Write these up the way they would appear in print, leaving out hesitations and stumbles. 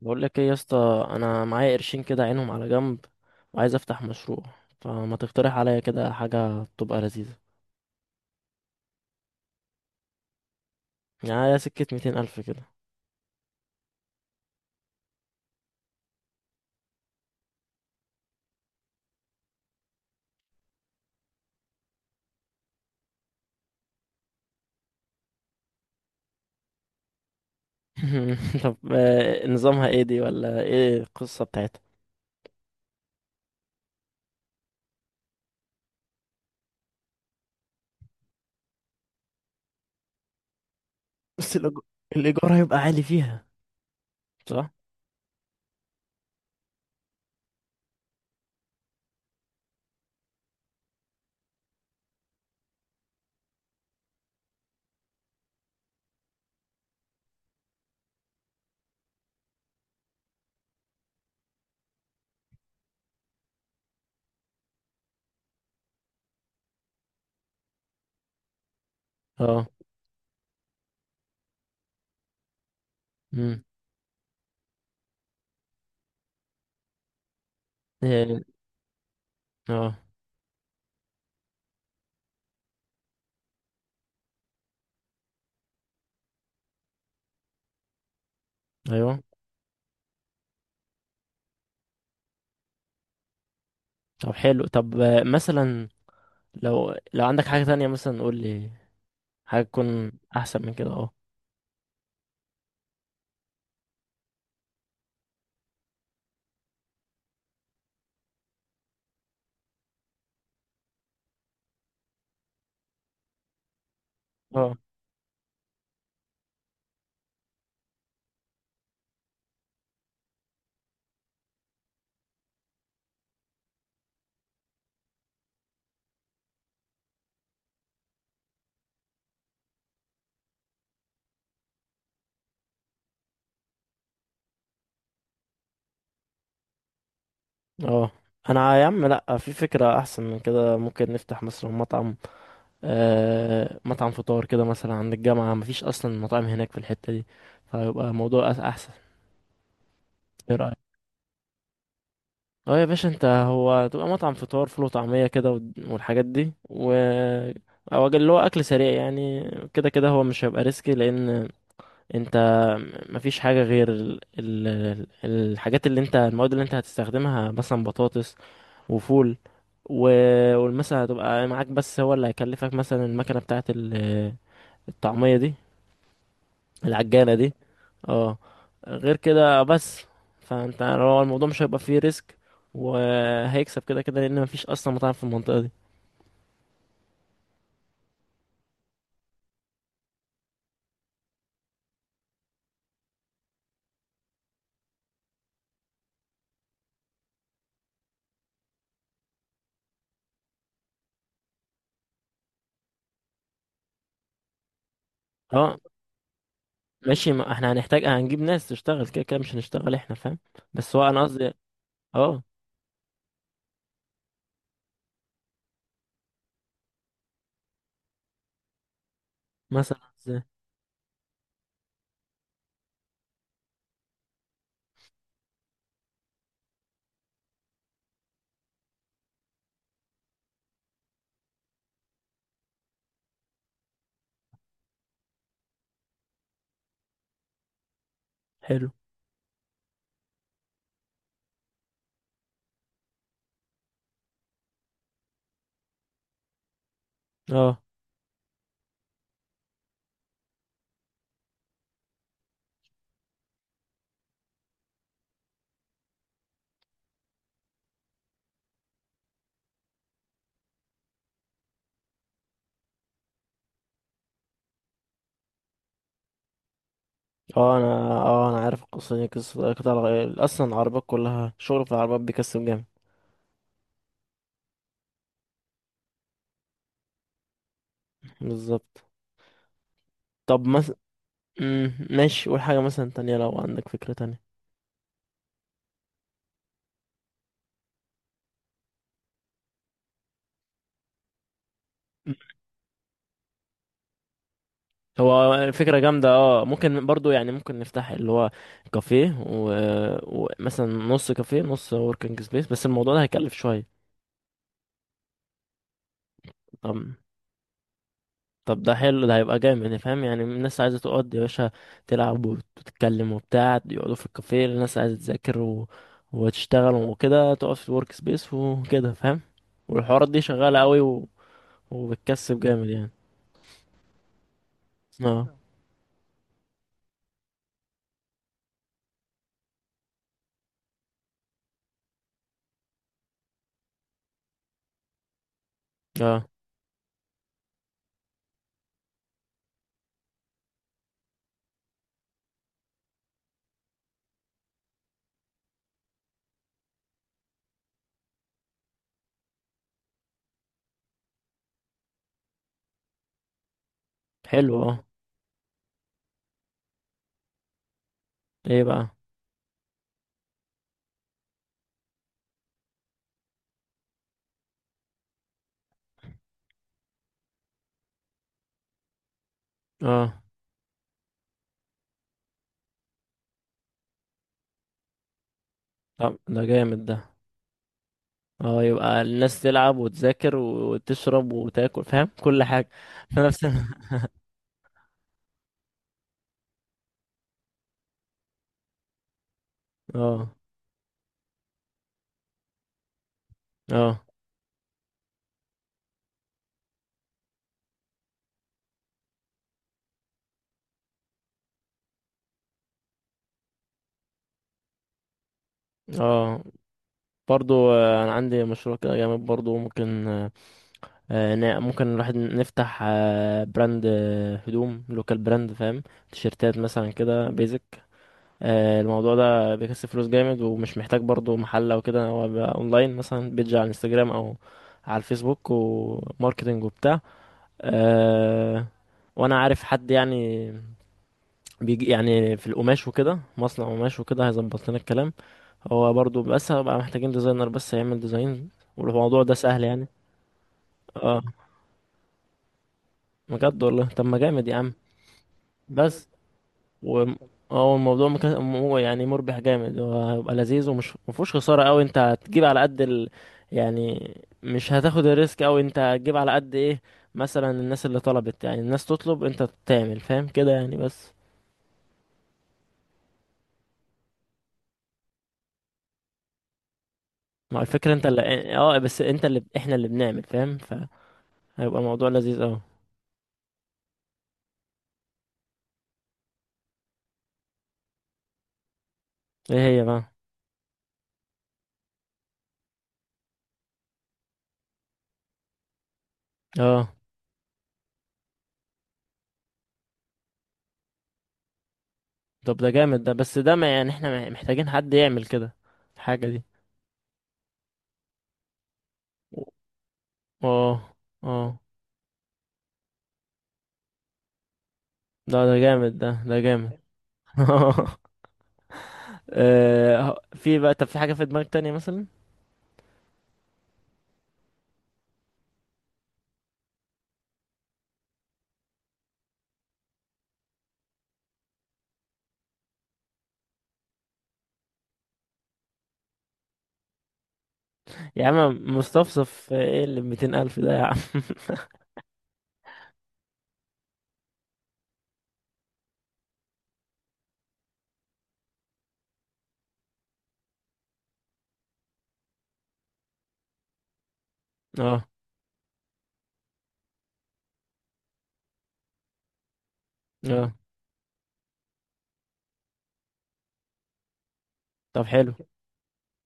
بقول لك ايه يا اسطى، انا معايا قرشين كده عينهم على جنب وعايز افتح مشروع. فما تقترح عليا كده حاجه تبقى لذيذه؟ يعني سكه ميتين الف كده. طب نظامها ايه دي؟ ولا ايه القصه بتاعتها؟ بس الإيج- الايجار هيبقى عالي فيها. صح. اه. امم. إيه، اه. ايوه. طب حلو. طب مثلا لو عندك حاجه تانية مثلا قول لي، حاجه تكون احسن من كده. اه. اه. انا يا عم لا، في فكرة احسن من كده. ممكن نفتح مثلا مطعم، آه مطعم فطار كده مثلا عند الجامعة. مفيش اصلا مطاعم هناك في الحتة دي، فيبقى موضوع احسن. ايه رأيك؟ اه يا باشا، انت هو تبقى مطعم فطار، فول وطعمية كده والحاجات دي و، او اللي هو اكل سريع يعني. كده كده هو مش هيبقى ريسكي، لان انت مفيش حاجة غير الحاجات اللي انت، المواد اللي انت هتستخدمها، مثلا بطاطس وفول و، والمثلا هتبقى معاك. بس هو اللي هيكلفك مثلا المكنة بتاعة الطعمية دي، العجانة دي. اه. غير كده بس. فانت هو الموضوع مش هيبقى فيه ريسك، وهيكسب كده كده لان مفيش اصلا مطاعم في المنطقة دي. اه ماشي، ما احنا هنحتاج هنجيب ناس تشتغل كده كده، مش هنشتغل احنا، فاهم؟ بس هو انا قصدي. اه. مثلا ازاي؟ حلو. اه. اه انا، اه انا عارف القصة دي، قصة قطع الغيار، اصلا العربيات كلها شغل، في العربيات بيكسب جامد. بالظبط. طب مثلا. ماشي، قول حاجة مثلا تانية لو عندك فكرة تانية. مم. هو فكرة جامدة اه، ممكن برضو، يعني ممكن نفتح اللي هو كافيه، ومثلا و، ومثلاً نص كافيه نص وركينج سبيس. بس الموضوع ده هيكلف شوية. طب. طب ده حلو، ده هيبقى جامد، فاهم؟ يعني الناس عايزة تقعد يا باشا، تلعب وتتكلم وبتاع، يقعدوا في الكافيه. الناس عايزة تذاكر و، وتشتغل وكده، تقعد في الورك سبيس وكده، فاهم؟ والحوارات دي شغالة قوي و، وبتكسب جامد يعني. اه. اه حلو. اه. ايه بقى؟ اه. طب ده جامد ده. اه يبقى الناس تلعب وتذاكر وتشرب وتاكل، فاهم؟ كل حاجة في نفس اه. اه. اه برضو انا عندي مشروع كده جامد برضو. ممكن ممكن الواحد نفتح براند، هدوم، لوكال براند، فاهم؟ تيشيرتات مثلا كده بيزك. الموضوع ده بيكسب فلوس جامد، ومش محتاج برضو محل او كده، هو بيبقى اونلاين، مثلا بيج على الانستجرام او على الفيسبوك، وماركتنج وبتاع. أه. وانا عارف حد يعني بيجي يعني في القماش وكده، مصنع قماش وكده، هيظبط لنا الكلام. هو برضو، بس هبقى محتاجين ديزاينر بس يعمل ديزاين. والموضوع ده سهل يعني. اه. بجد والله؟ طب ما جامد يا عم. بس. و اه الموضوع يعني مربح جامد وهيبقى لذيذ، ومش مفهوش خسارة قوي. انت هتجيب على قد يعني، مش هتاخد الريسك قوي، انت هتجيب على قد ايه مثلا الناس اللي طلبت. يعني الناس تطلب انت تعمل، فاهم كده يعني. بس ما الفكرة انت اللي، إيه، اه بس انت اللي، احنا اللي بنعمل، فاهم؟ فهيبقى موضوع لذيذ اوي. ايه هي بقى؟ اه. طب ده جامد ده، بس ده ما يعني احنا محتاجين حد يعمل كده الحاجة دي. اه. اه. ده ده جامد، ده ده جامد. في بقى، طب في حاجة في دماغك تانية مثلا؟ يا عم مستفصف ايه اللي بميتين ألف ده يا عم؟ اه. اه. طب حلو.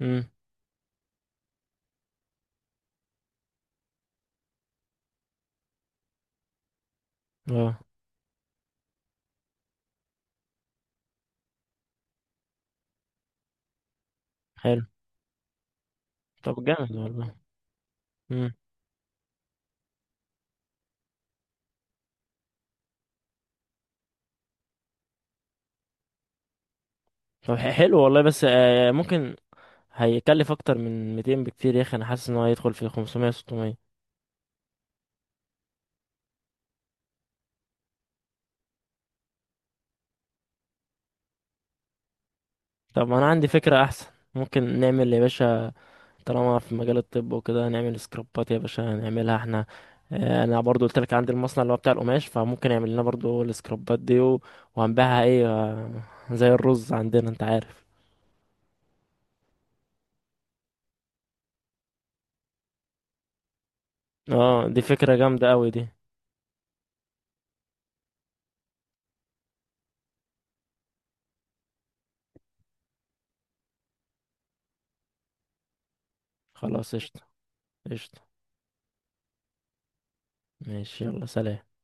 امم. اه حلو. طب جامد والله. امم. طب حلو والله، بس آه ممكن هيكلف اكتر من 200 بكتير يا اخي. انا حاسس ان هو هيدخل في 500 600. طب ما انا عندي فكرة احسن. ممكن نعمل يا باشا، طالما في مجال الطب وكده، نعمل سكرابات يا باشا، نعملها احنا. انا برضو قلت لك عندي المصنع اللي هو بتاع القماش، فممكن يعمل لنا برضو السكرابات دي وهنبيعها ايه، زي الرز عندنا انت عارف. اه دي فكرة جامدة قوي دي. خلاص قشطة. قشطة. ماشي يلا سلام.